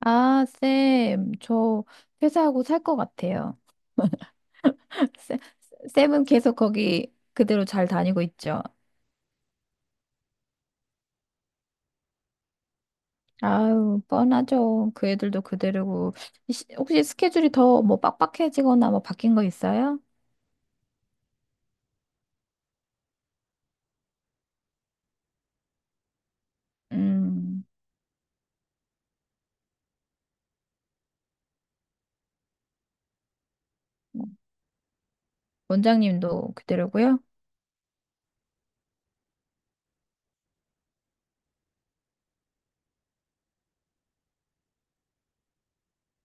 아, 쌤, 저 퇴사하고 살 것 같아요. 쌤- 쌤은 계속 거기 그대로 잘 다니고 있죠. 아유, 뻔하죠. 그 애들도 그대로고. 혹시 스케줄이 더 뭐 빡빡해지거나 뭐 바뀐 거 있어요? 음, 뭐 원장님도 그대로고요.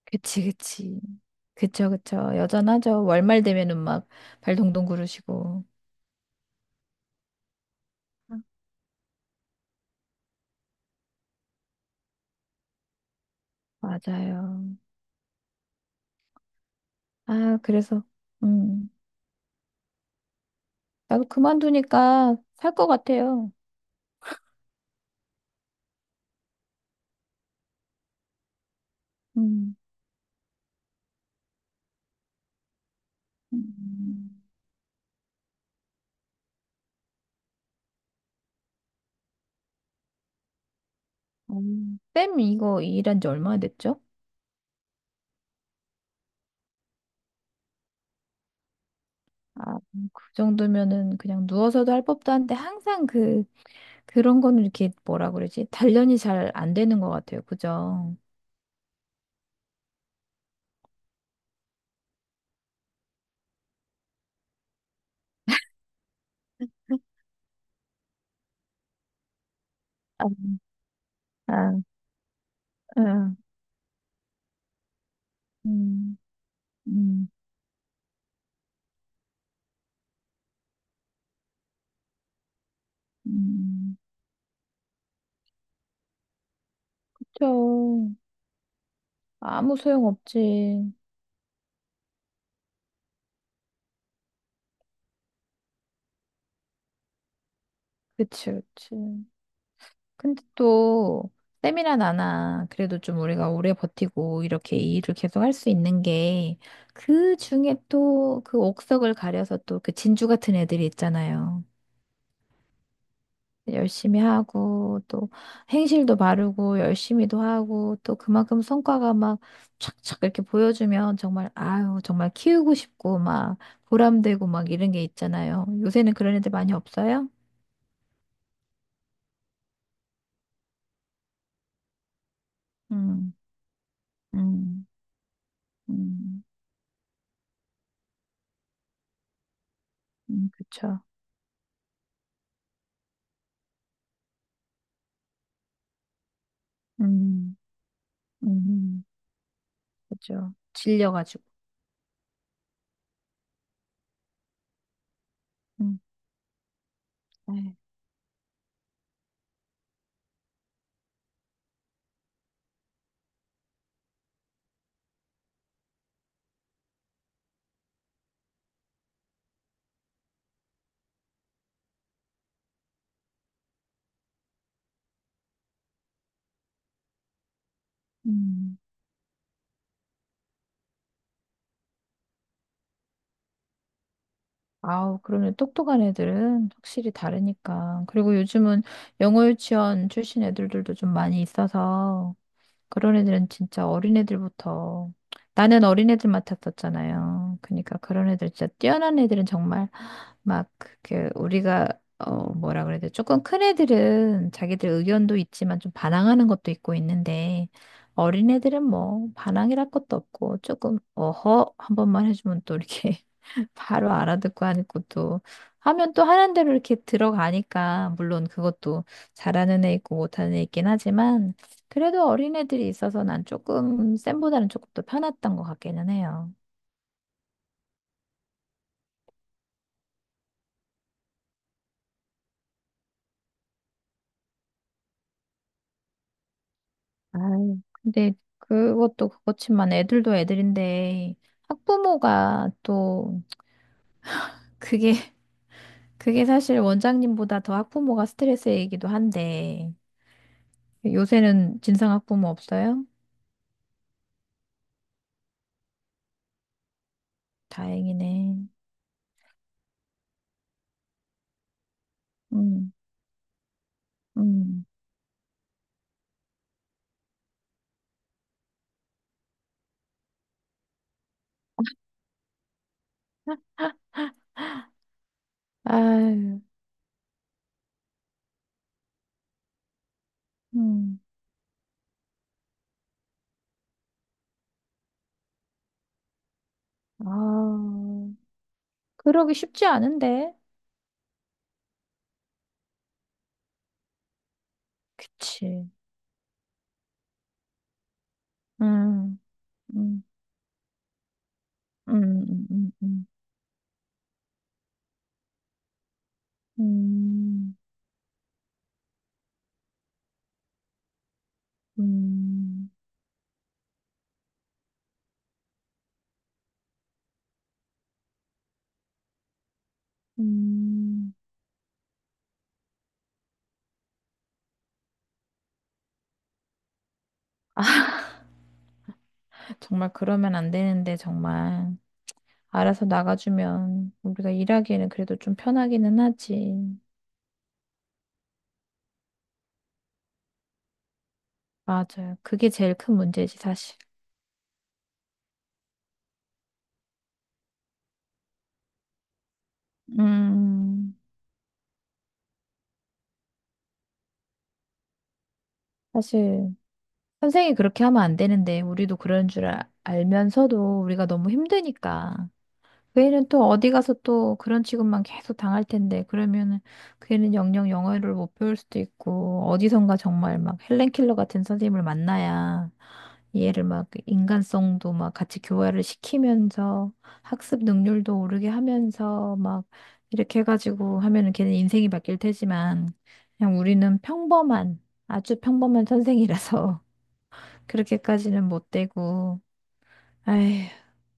그치, 그치. 그쵸, 그쵸. 여전하죠. 월말 되면은 막 발 동동 구르시고. 맞아요. 아, 그래서, 음, 나도 그만두니까 살 것 같아요. 음. 음, 쌤 이거 일한 지 얼마나 됐죠? 아, 그 정도면은 그냥 누워서도 할 법도 한데 항상 그 그런 거는 이렇게 뭐라 그러지? 단련이 잘 안 되는 것 같아요. 그죠? 아, 아, 아. 음, 음, 음. 그쵸. 아무 소용 없지. 그치, 그치. 근데 또 쌤이나 나나 그래도 좀 우리가 오래 버티고 이렇게 이 일을 계속 할 수 있는 게 그 중에 또 그 옥석을 가려서 또 그 진주 같은 애들이 있잖아요. 열심히 하고 또 행실도 바르고 열심히도 하고 또 그만큼 성과가 막 착착 이렇게 보여주면 정말 아유 정말 키우고 싶고 막 보람되고 막 이런 게 있잖아요. 요새는 그런 애들 많이 없어요? 음, 음, 음, 그쵸. 음. 음, 그죠. 질려가지고. 음, 네. 음. 아우, 그러면 똑똑한 애들은 확실히 다르니까. 그리고 요즘은 영어 유치원 출신 애들도 좀 많이 있어서 그런 애들은 진짜 어린애들부터 나는 어린애들 맡았었잖아요. 그러니까 그런 애들 진짜 뛰어난 애들은 정말 막 그게 우리가 어 뭐라 그래야 돼? 조금 큰 애들은 자기들 의견도 있지만 좀 반항하는 것도 있고 있는데 어린애들은 뭐 반항이랄 것도 없고 조금 어허 한 번만 해주면 또 이렇게 바로 알아듣고 하니까 또 하면 또 하는 대로 이렇게 들어가니까 물론 그것도 잘하는 애 있고 못하는 애 있긴 하지만 그래도 어린애들이 있어서 난 조금 쌤보다는 조금 더 편했던 것 같기는 해요. 아, 근데 그것도 그렇지만 애들도 애들인데 학부모가 또 그게 그게 사실 원장님보다 더 학부모가 스트레스이기도 한데 요새는 진상 학부모 없어요? 다행이네. 음, 음, 아유, 음, 아, 그러기 쉽지 않은데, 그치? 음, 음, 음, 음. 음, 음, 음. 정말 그러면 안 되는데, 정말. 알아서 나가주면 우리가 일하기에는 그래도 좀 편하기는 하지. 맞아요. 그게 제일 큰 문제지, 사실. 음, 사실, 선생이 그렇게 하면 안 되는데, 우리도 그런 줄 알면서도 우리가 너무 힘드니까. 그 애는 또 어디 가서 또 그런 취급만 계속 당할 텐데, 그러면은 그 애는 영영 영어를 못 배울 수도 있고, 어디선가 정말 막 헬렌 킬러 같은 선생님을 만나야 얘를 막 인간성도 막 같이 교화를 시키면서 학습 능률도 오르게 하면서 막 이렇게 해가지고 하면은 걔는 인생이 바뀔 테지만, 그냥 우리는 평범한, 아주 평범한 선생이라서 그렇게까지는 못 되고, 아휴,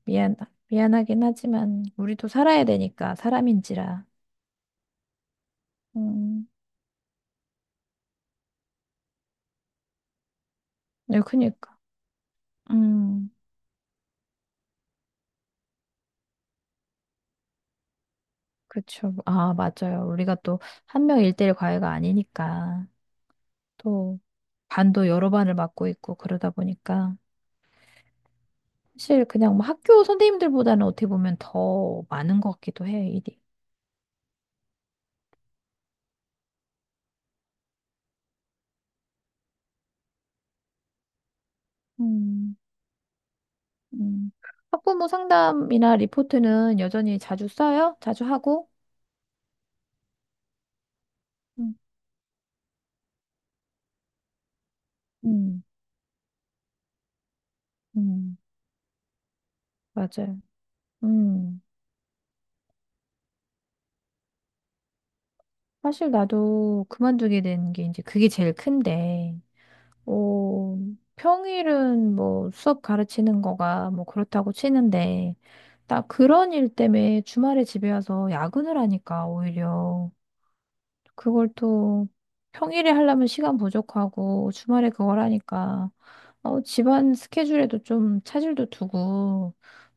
미안, 미안하긴 하지만, 우리도 살아야 되니까, 사람인지라. 음, 네, 그니까. 음, 그쵸. 아, 맞아요. 우리가 또, 한 명 일대일 과외가 아니니까, 또, 반도 여러 반을 맡고 있고, 그러다 보니까, 사실 그냥 뭐 학교 선생님들보다는 어떻게 보면 더 많은 것 같기도 해, 일이. 음, 음, 학부모 상담이나 리포트는 여전히 자주 써요? 자주 하고? 음, 음. 음. 맞아요. 음. 사실 나도 그만두게 된 게 이제 그게 제일 큰데, 어, 평일은 뭐 수업 가르치는 거가 뭐 그렇다고 치는데, 나 그런 일 때문에 주말에 집에 와서 야근을 하니까 오히려 그걸 또 평일에 하려면 시간 부족하고 주말에 그걸 하니까 어, 집안 스케줄에도 좀 차질도 두고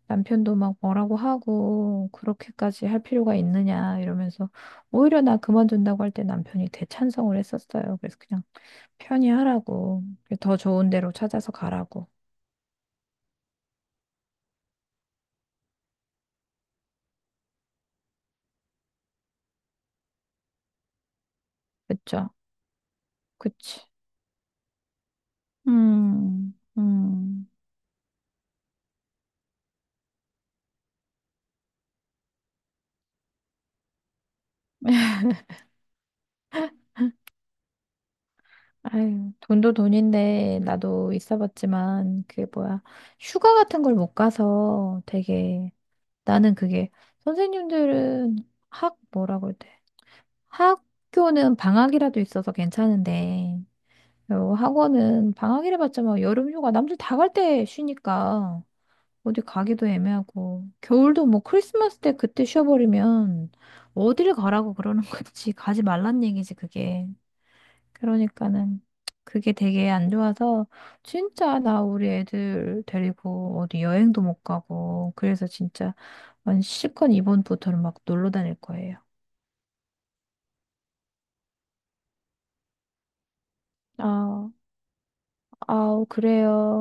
남편도 막 뭐라고 하고 그렇게까지 할 필요가 있느냐 이러면서 오히려 나 그만둔다고 할 때 남편이 대찬성을 했었어요. 그래서 그냥 편히 하라고 더 좋은 데로 찾아서 가라고. 그쵸? 그치. 음, 음. 아유, 돈도 돈인데 나도 있어봤지만 그게 뭐야 휴가 같은 걸 못 가서 되게 나는 그게 선생님들은 학 뭐라고 해야 돼 학교는 방학이라도 있어서 괜찮은데 요 학원은 방학이라 봤자 막 여름휴가 남들 다 갈 때 쉬니까 어디 가기도 애매하고 겨울도 뭐 크리스마스 때 그때 쉬어버리면 어딜 가라고 그러는 건지 가지 말란 얘기지 그게 그러니까는 그게 되게 안 좋아서 진짜 나 우리 애들 데리고 어디 여행도 못 가고 그래서 진짜 완 실컷 이번부터는 막 놀러 다닐 거예요. 아, 아우 그래요.